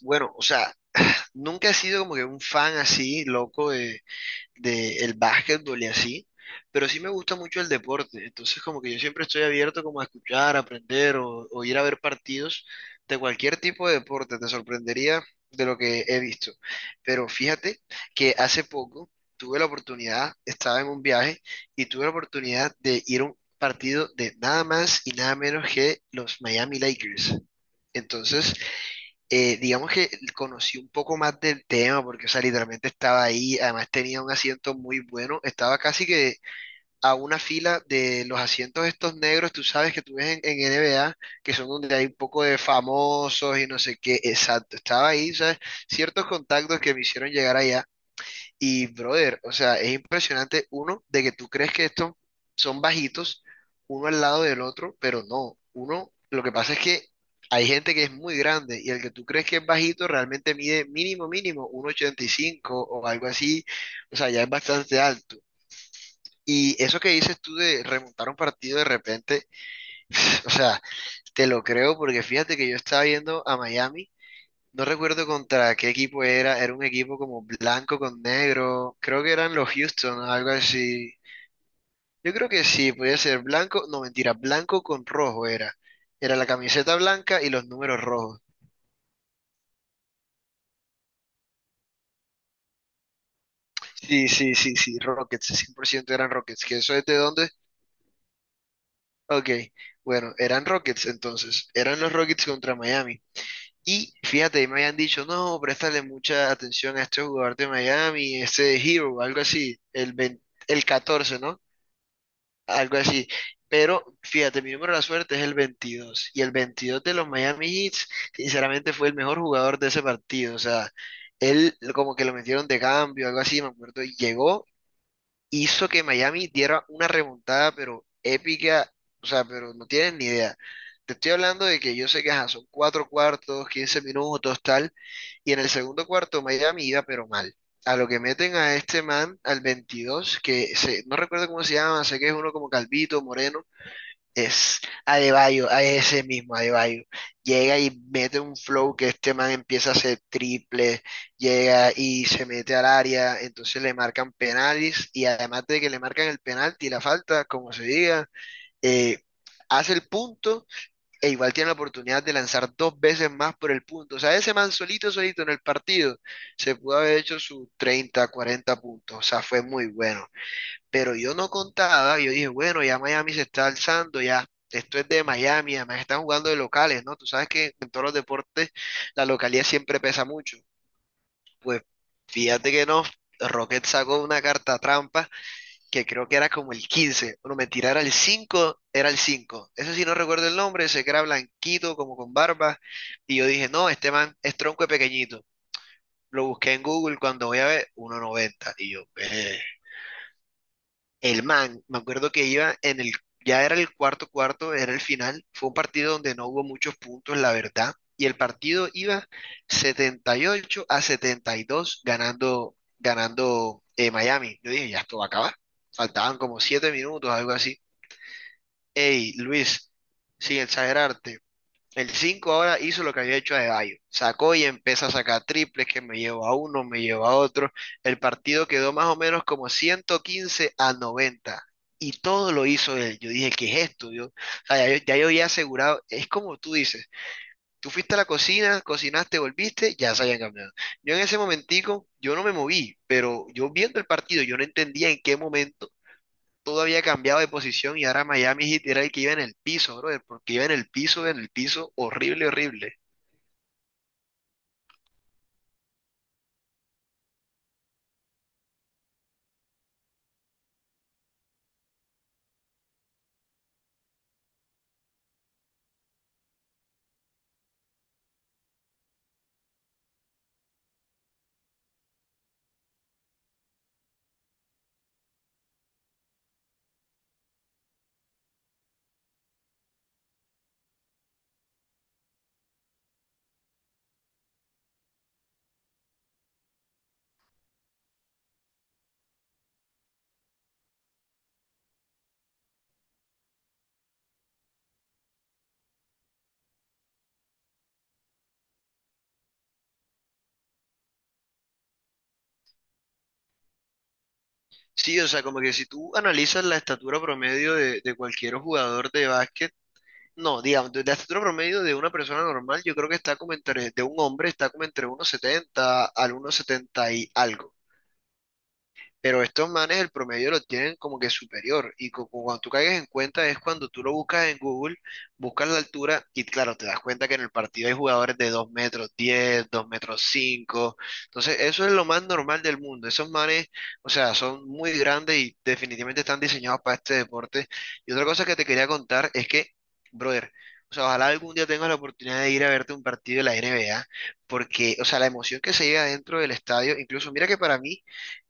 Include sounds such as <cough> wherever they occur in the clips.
Bueno, o sea, nunca he sido como que un fan así, loco de el básquetbol y así, pero sí me gusta mucho el deporte. Entonces, como que yo siempre estoy abierto como a escuchar, aprender o ir a ver partidos de cualquier tipo de deporte. Te sorprendería de lo que he visto. Pero fíjate que hace poco tuve la oportunidad, estaba en un viaje y tuve la oportunidad de ir a un partido de nada más y nada menos que los Miami Lakers. Entonces, digamos que conocí un poco más del tema, porque, o sea, literalmente estaba ahí, además tenía un asiento muy bueno, estaba casi que a una fila de los asientos estos negros, tú sabes que tú ves en, NBA, que son donde hay un poco de famosos y no sé qué, exacto, estaba ahí, ¿sabes? Ciertos contactos que me hicieron llegar allá y, brother, o sea, es impresionante, uno, de que tú crees que estos son bajitos, uno al lado del otro, pero no. Uno, lo que pasa es que hay gente que es muy grande y el que tú crees que es bajito realmente mide mínimo, mínimo, 1,85 o algo así. O sea, ya es bastante alto. Y eso que dices tú de remontar un partido de repente, <laughs> o sea, te lo creo porque fíjate que yo estaba viendo a Miami. No recuerdo contra qué equipo era, era un equipo como blanco con negro, creo que eran los Houston, algo así. Yo creo que sí, podía ser blanco, no mentira, blanco con rojo era. Era la camiseta blanca y los números rojos. Sí, sí, sí, sí, Rockets, 100% eran Rockets, ¿que eso es de dónde? Ok, bueno, eran Rockets entonces, eran los Rockets contra Miami. Y fíjate, y me habían dicho, no, préstale mucha atención a este jugador de Miami, este Hero, algo así, el 20, el catorce, ¿no? Algo así. Pero fíjate, mi número de la suerte es el veintidós. Y el 22 de los Miami Heat, sinceramente, fue el mejor jugador de ese partido. O sea, él como que lo metieron de cambio, algo así, me acuerdo. Y llegó, hizo que Miami diera una remontada, pero épica, o sea, pero no tienen ni idea. Te estoy hablando de que yo sé que ajá, son cuatro cuartos, 15 minutos, tal, y en el segundo cuarto Miami iba pero mal. A lo que meten a este man, al 22, que se, no recuerdo cómo se llama, sé que es uno como Calvito, Moreno, es Adebayo, a ese mismo Adebayo. Llega y mete un flow que este man empieza a hacer triple, llega y se mete al área, entonces le marcan penales y además de que le marcan el penalti y la falta, como se diga, eh, hace el punto e igual tiene la oportunidad de lanzar dos veces más por el punto. O sea, ese man solito, solito en el partido, se pudo haber hecho sus treinta, 40 puntos. O sea, fue muy bueno. Pero yo no contaba, yo dije, bueno, ya Miami se está alzando, ya esto es de Miami, además están jugando de locales, ¿no? Tú sabes que en todos los deportes la localidad siempre pesa mucho. Pues fíjate que no, Rocket sacó una carta trampa que creo que era como el 15, no mentira, era el cinco, era el cinco. Eso sí no recuerdo el nombre, ese que era blanquito, como con barba, y yo dije, no, este man es tronco de pequeñito. Lo busqué en Google cuando voy a ver 1,90 y yo, el man, me acuerdo que iba en el, ya era el cuarto cuarto, era el final, fue un partido donde no hubo muchos puntos, la verdad, y el partido iba 78 a 72 ganando, ganando, Miami. Yo dije, ya esto va a acabar. Faltaban como 7 minutos, algo así. Hey, Luis, sin exagerarte, el 5 ahora hizo lo que había hecho Adebayo. Sacó y empezó a sacar triples que me llevó a uno, me llevó a otro. El partido quedó más o menos como 115-90. Y todo lo hizo él. Yo dije, ¿qué es esto, Dios? O sea, ya, ya yo había asegurado. Es como tú dices. Tú fuiste a la cocina, cocinaste, volviste, ya se habían cambiado. Yo en ese momentico, yo no me moví, pero yo viendo el partido, yo no entendía en qué momento todo había cambiado de posición y ahora Miami Heat era el que iba en el piso, brother, porque iba en el piso, horrible, horrible. Sí, o sea, como que si tú analizas la estatura promedio de cualquier jugador de básquet, no, digamos, de la estatura promedio de una persona normal, yo creo que está como entre, de un hombre está como entre uno setenta al uno setenta y algo. Pero estos manes el promedio lo tienen como que superior. Y cuando tú caigas en cuenta es cuando tú lo buscas en Google, buscas la altura y claro, te das cuenta que en el partido hay jugadores de 2 metros diez, 2 metros cinco. Entonces, eso es lo más normal del mundo. Esos manes, o sea, son muy grandes y definitivamente están diseñados para este deporte. Y otra cosa que te quería contar es que, brother, o sea, ojalá algún día tengas la oportunidad de ir a verte un partido de la NBA, porque, o sea, la emoción que se llega dentro del estadio, incluso mira que para mí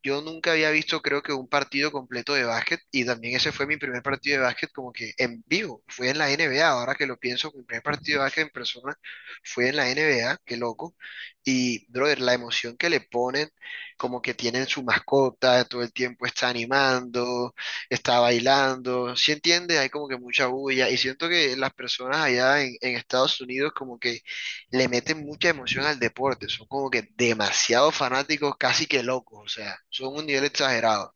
yo nunca había visto, creo que, un partido completo de básquet y también ese fue mi primer partido de básquet como que en vivo. Fue en la NBA, ahora que lo pienso, mi primer partido de básquet en persona fue en la NBA, qué loco. Y, brother, la emoción que le ponen, como que tienen su mascota, todo el tiempo está animando, está bailando, ¿sí entiende? Hay como que mucha bulla y siento que las personas allá en Estados Unidos como que le meten mucha emoción al deporte, son como que demasiado fanáticos, casi que locos, o sea, son un nivel exagerado.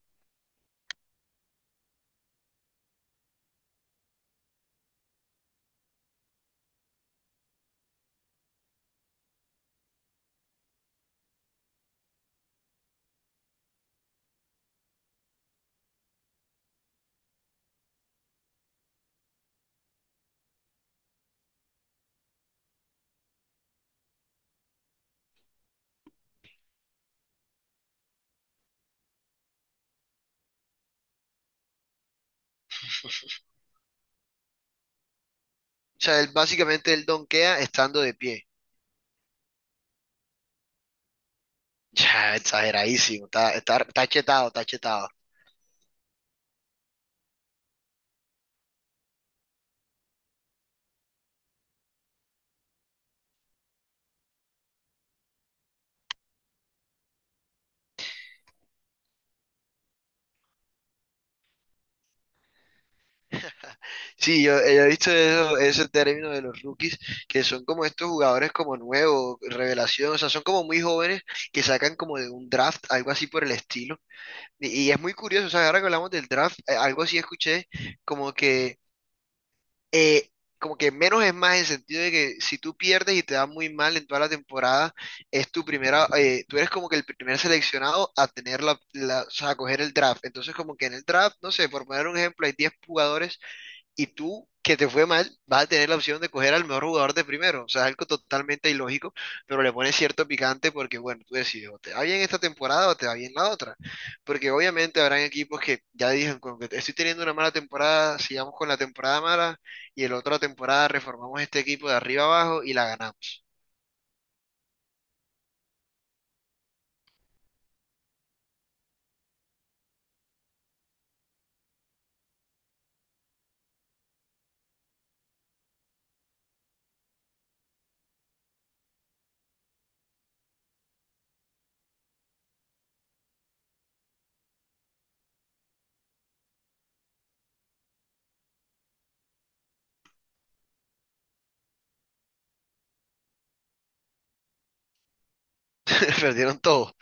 O sea, él básicamente él donkea estando de pie. <laughs> Ya, exageradísimo, está, está, está chetado, está chetado. Sí, yo he visto ese término de los rookies, que son como estos jugadores como nuevos, revelación, o sea, son como muy jóvenes que sacan como de un draft, algo así por el estilo. Y es muy curioso, o sea, ahora que hablamos del draft, algo así escuché, como que eh, como que menos es más en el sentido de que si tú pierdes y te da muy mal en toda la temporada, es tu primera, tú eres como que el primer seleccionado a tener o sea, a coger el draft. Entonces, como que en el draft, no sé, por poner un ejemplo, hay 10 jugadores y tú, que te fue mal, vas a tener la opción de coger al mejor jugador de primero. O sea, es algo totalmente ilógico, pero le pones cierto picante porque, bueno, tú decides, o te va bien esta temporada o te va bien la otra. Porque obviamente habrán equipos que ya dicen, como que estoy teniendo una mala temporada, sigamos con la temporada mala y el la otra temporada reformamos este equipo de arriba abajo y la ganamos. <laughs> Perdieron todo.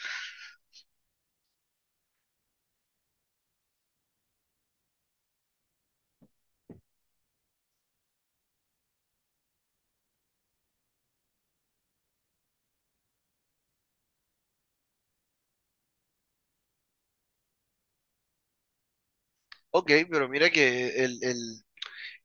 Ok, pero mira que el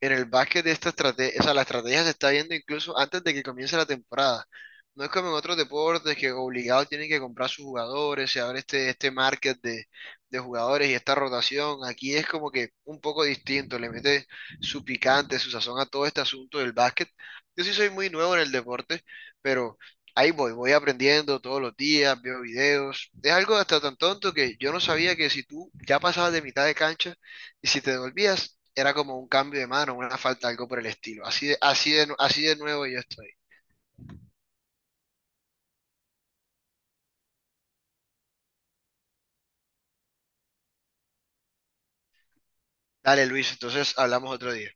en el básquet de esta estrategia, o sea, la estrategia se está viendo incluso antes de que comience la temporada. No es como en otros deportes que obligados tienen que comprar sus jugadores, se abre este market de jugadores y esta rotación. Aquí es como que un poco distinto, le mete su picante, su sazón a todo este asunto del básquet. Yo sí soy muy nuevo en el deporte, pero ahí voy, voy aprendiendo todos los días, veo videos. Es algo hasta tan tonto que yo no sabía que si tú ya pasabas de mitad de cancha, y si te devolvías, era como un cambio de mano, una falta, algo por el estilo. Así de nuevo yo estoy. Dale, Luis, entonces hablamos otro día.